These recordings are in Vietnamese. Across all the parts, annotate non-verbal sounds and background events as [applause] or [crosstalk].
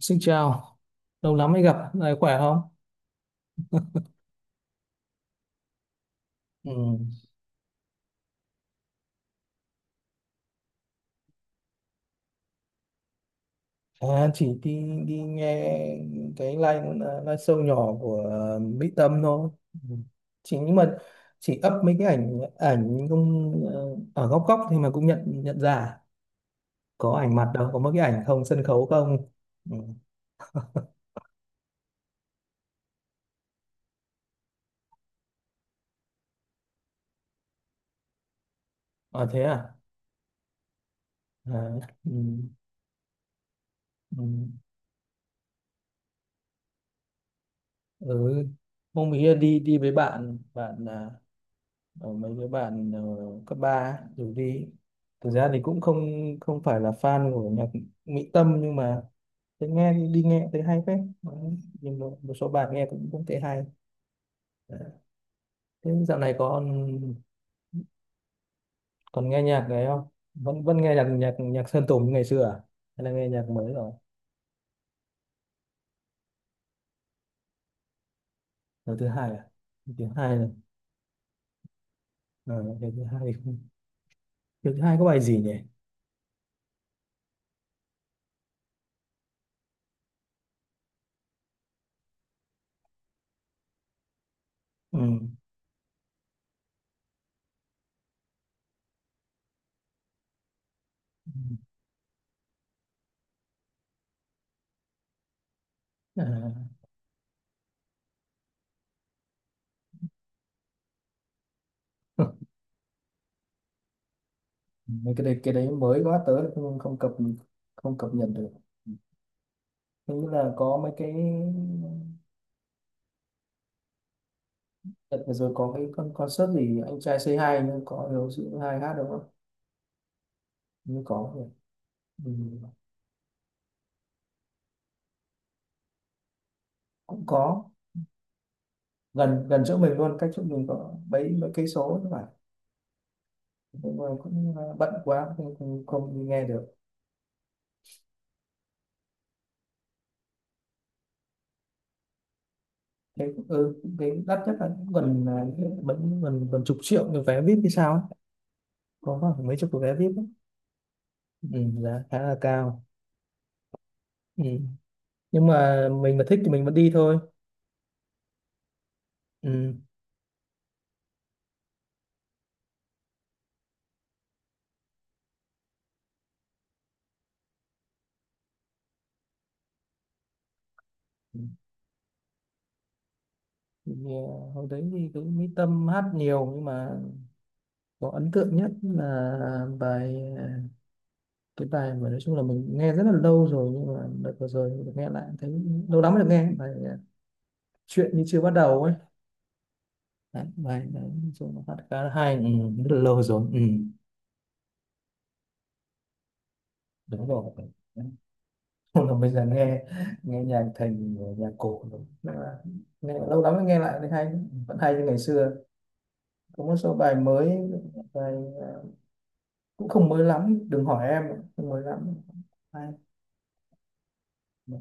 Xin chào, lâu lắm mới gặp, này khỏe không? Ừ. À, chỉ đi đi nghe cái live live show nhỏ của Mỹ Tâm thôi. Ừ. Chỉ nhưng mà chỉ up mấy cái ảnh ảnh không ở góc góc thì mà cũng nhận nhận ra có ảnh mặt đâu, có mấy cái ảnh không sân khấu không. Ừ. À thế à? À. ừ. Ừ. Ừ. Hôm ấy đi đi với bạn bạn à? Mấy đứa bạn cấp 3 rủ đi, thực ra thì cũng không không phải là fan của nhạc Mỹ Tâm, nhưng mà thế nghe thì đi nghe thấy hay phết. Đấy, nhưng một, một số bài nghe cũng cũng thấy hay. Đấy. Thế dạo này còn còn nghe nhạc đấy không, vẫn vẫn nghe nhạc nhạc nhạc Sơn Tùng như ngày xưa à, hay là nghe nhạc mới rồi? Lần thứ hai à? Lần thứ hai này ờ, lần thứ hai thì không, lần thứ hai có bài gì nhỉ? Ừ. Ừ. À. [laughs] Mấy cái đấy mới quá tớ không không cập, không cập nhật được. Ừ. Thế như là có mấy cái đợt vừa rồi có cái con concert gì anh trai Say hai nhưng có hiếu sĩ hai hát đúng không? Như có rồi. Ừ. Cũng có gần gần chỗ mình luôn, cách chỗ mình có mấy mấy cây số các bạn, nhưng mà cũng bận quá không, không, không đi nghe được. Thế cũng- ừ, cái đắt nhất là cũng gần vẫn gần gần chục triệu cái vé VIP thì sao ấy. Có khoảng mấy chục cái vé VIP ấy. Ừ, giá khá là cao. Ừ. Nhưng mà mình mà thích thì mình vẫn đi thôi. Ừ. Thì, à, hồi đấy thì cũng Mỹ Tâm hát nhiều nhưng mà có ấn tượng nhất là bài cái bài mà nói chung là mình nghe rất là lâu rồi nhưng mà đợt vừa rồi được nghe lại thấy lâu lắm mới được nghe bài à, chuyện như chưa bắt đầu ấy. Đấy, bài đấy nói chung là hát khá là hay. Ừ, rất là lâu rồi. Ừ, đúng rồi. Không là bây giờ nghe nghe nhạc thành nhạc cổ rồi. Nên là nghe lâu lắm mới nghe lại thấy hay, vẫn hay như ngày xưa. Có một số bài mới, bài ờ, cũng không mới lắm đừng hỏi em, không mới lắm. Ai? Ừ,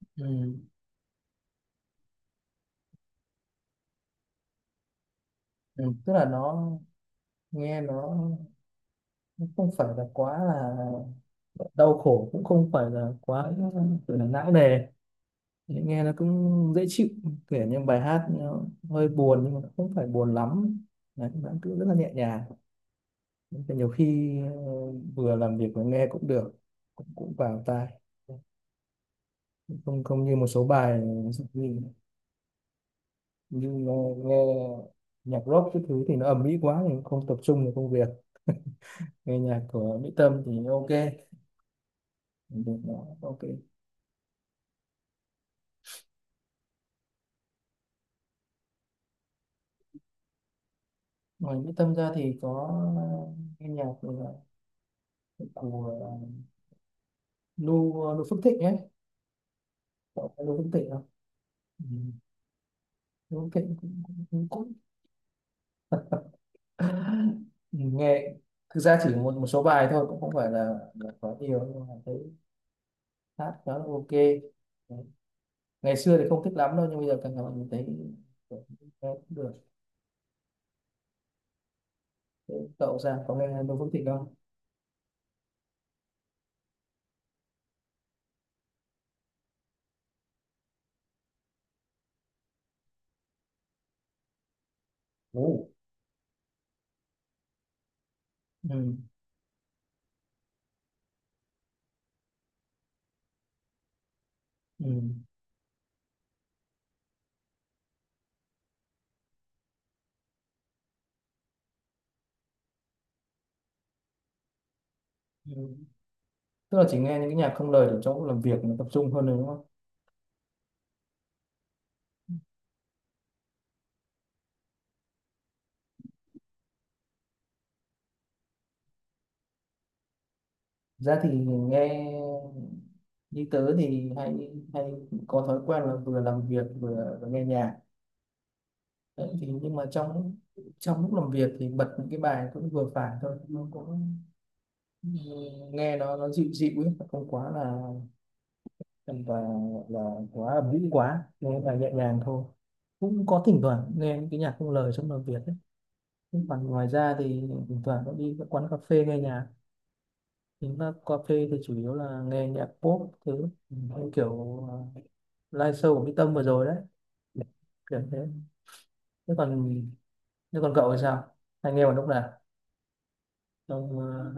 ừ, ừ. Tức là nó nghe nó không phải là quá là đau khổ, cũng không phải là quá gọi là não nề, nghe nó cũng dễ chịu. Kể như bài hát nó hơi buồn nhưng mà nó không phải buồn lắm. Đấy, nó cứ rất là nhẹ nhàng. Thế nhiều khi vừa làm việc vừa nghe cũng được, cũng, cũng vào tai, không không như một số bài, nhưng nghe, nghe nhạc rock cái thứ thì nó ầm ĩ quá thì không tập trung vào công việc, nghe nhạc của Mỹ Tâm thì ok được, nó ok. Ngoài Mỹ Tâm ra thì có nghe nhạc của Nu Nu Phước Thịnh ấy. Cậu có Nu Phước Thịnh không? Ừ. Nu Phước Thịnh cũng, cũng, cũng cũng [laughs] nghe thực ra chỉ một một số bài thôi, cũng không phải là có nhiều nhưng mà thấy hát khá là ok. Đấy. Ngày xưa thì không thích lắm đâu nhưng bây giờ càng ngày mình thấy nghe cũng được. Cậu ra có nghe Đỗ Phước Thịnh không? Ồ. Ừ. Ừ. Ừ. Tức là chỉ nghe những cái nhạc không lời để trong lúc làm việc nó tập trung hơn rồi đúng không? Ra thì nghe như tớ thì hay hay có thói quen là vừa làm việc vừa, vừa nghe nhạc. Đấy, thì nhưng mà trong trong lúc làm việc thì bật những cái bài cũng vừa phải thôi, nó cũng ừ, nghe nó dịu dịu ấy, không quá là và là quá ầm ĩ, quá nghe bài nhẹ nhàng thôi, cũng có thỉnh thoảng nghe những cái nhạc không lời trong làm việc ấy. Nhưng còn ngoài ra thì thỉnh thoảng cũng đi các quán cà phê nghe nhạc, những các cà phê thì chủ yếu là nghe nhạc pop thứ. Ừ, như kiểu live show của Mỹ Tâm vừa rồi đấy, kiểu thế. Thế còn thế còn cậu thì sao, hay nghe vào lúc nào, trong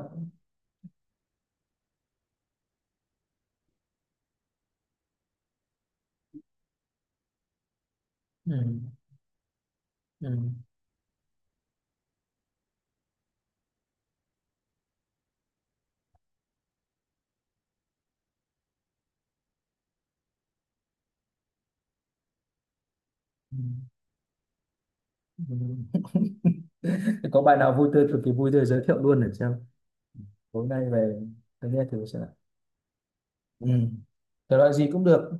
ừ, ừ, ừ, ừ, [laughs] Có bài nào vui tươi cực kỳ vui tươi giới thiệu luôn để xem tối nay về tôi nghe thử xem nào. Ừ. Thể loại gì cũng được.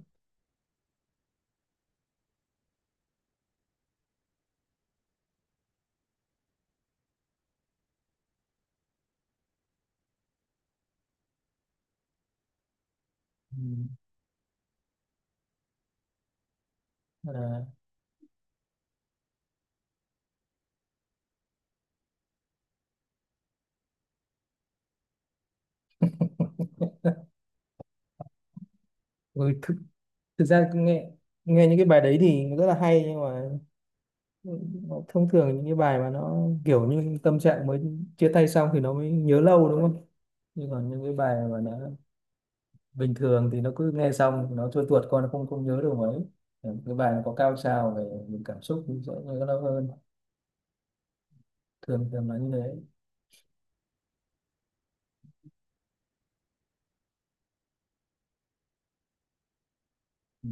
Ừ. À, ừ, thực, thực ra cứ nghe nghe những cái bài đấy thì rất là hay nhưng mà. Ừ, thông thường những cái bài mà nó kiểu như tâm trạng mới chia tay xong thì nó mới nhớ lâu đúng không, nhưng còn những cái bài mà nó bình thường thì nó cứ nghe xong nó trôi tuột qua nó không không nhớ được mấy. Ừ, cái bài nó có cao trào về những cảm xúc thì sẽ nhớ lâu hơn, thường thường là như thế. Ừ.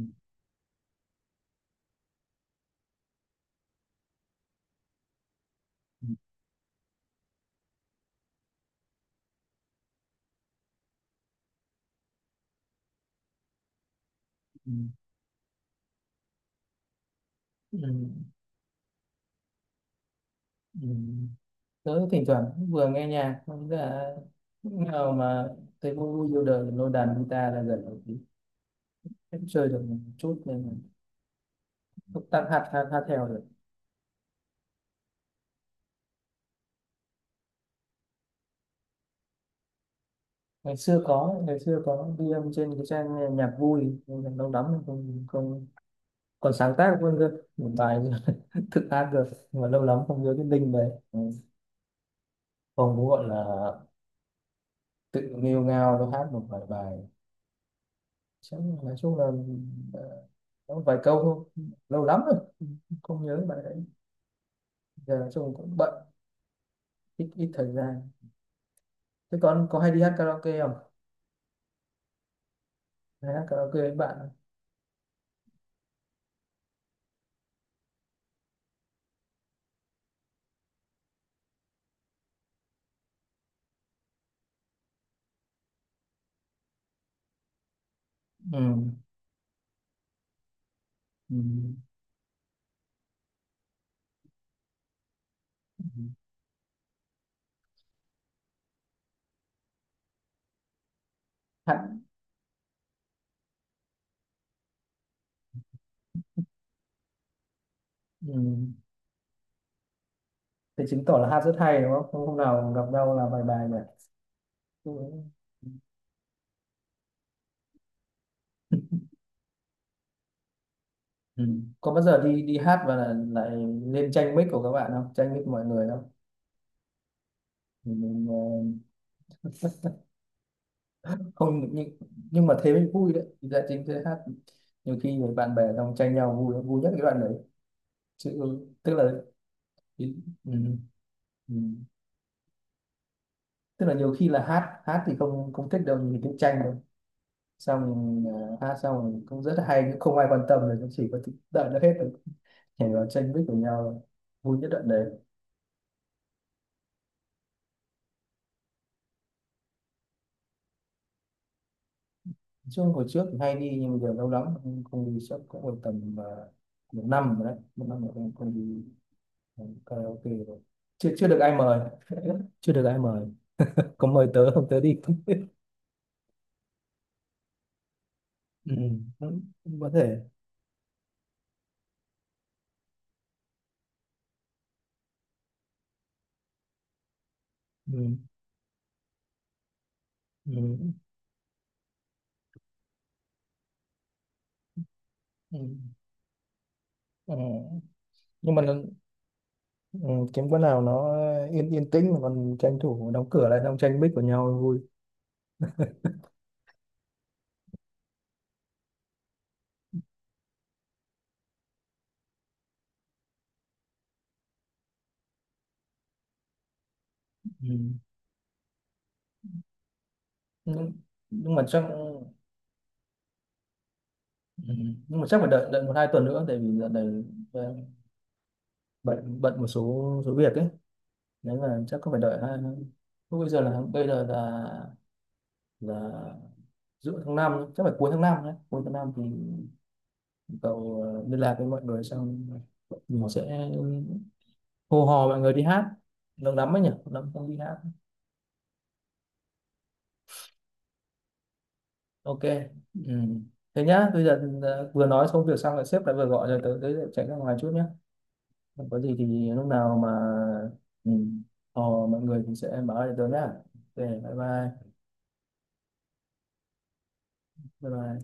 Ừ. Ừ. Ừ. Ừ. Ừ. Tớ thỉnh thoảng cũng vừa nghe nhạc, không là lúc nào mà thấy vui vui vô đời lôi đàn guitar là gần một tí. Em chơi được một chút nên là túc tắc hát hát hát theo được. Ngày xưa có ngày xưa có ghi âm trên cái trang nghe nhạc vui nhưng mà lâu lắm rồi không không, còn sáng tác luôn cơ một bài [laughs] thức hát được nhưng mà lâu lắm không nhớ cái đinh đấy. Ừ. Không cũng gọi là tự nghêu ngao nó hát một vài bài, chắc là- nói chung là ờ, có vài câu thôi, lâu lắm rồi không nhớ bài đấy, giờ nói chung cũng bận, ít ít thời gian. Thế con có hay đi hát karaoke không, hay hát karaoke với bạn không? Ừ. Ừ. Hát. Ừ. Thì chứng tỏ là hát rất hay đúng không? Không, hôm nào gặp nhau là bài bài nhỉ? Ừ. Ừ. Có bao giờ đi đi hát và là, lại lên tranh mic của các bạn không? Tranh mic mọi người không? Ừ, mình, Không, nhưng nhưng mà thế mới vui đấy. Thì Là chính thế hát nhiều khi người bạn bè trong tranh nhau vui, vui nhất cái đoạn đấy. Chứ tức là ừ, ừ. Tức là nhiều khi là hát hát thì không không thích đâu nhìn cái tranh đâu. Xong hát xong cũng rất là hay nhưng không ai quan tâm rồi cũng chỉ có thích đợi nó hết rồi nhảy vào tranh vích của nhau, vui nhất đoạn đấy. Chung hồi trước thì hay đi nhưng bây giờ lâu lắm không, không đi chắc cũng còn tầm à, một năm rồi đấy, một năm rồi không, không đi à, karaoke rồi, chưa chưa được ai mời. [laughs] Chưa được ai mời, có mời tớ không tớ đi. [laughs] Ừ, cũng, cũng có thể. Ừ, ừ, ừ. Ừ. Nhưng mà ừ, kiếm quán nào nó yên yên tĩnh mà còn tranh thủ đóng cửa lại xong tranh bích của nhau vui. Ừ. nhưng, nhưng mà chắc. Ừ. Nhưng mà chắc phải đợi đợi một hai tuần nữa tại vì dạo này ờ, bận bận một số số việc ấy, nên là chắc có phải đợi hai, lúc bây giờ là giữa tháng năm ấy, chắc phải cuối tháng năm đấy, cuối tháng năm thì cậu liên lạc với mọi người xong mình sẽ hô hò mọi người đi hát, lâu lắm ấy nhỉ, lâu lắm không đi hát. Ok. Ừ. Thế nhá bây giờ vừa nói xong việc xong là sếp lại vừa gọi rồi, tới tới chạy ra ngoài chút nhá. Không có gì thì lúc nào mà ừ, hò mọi người thì sẽ báo lại tớ nhá. Ok, bye bye. Bye bye.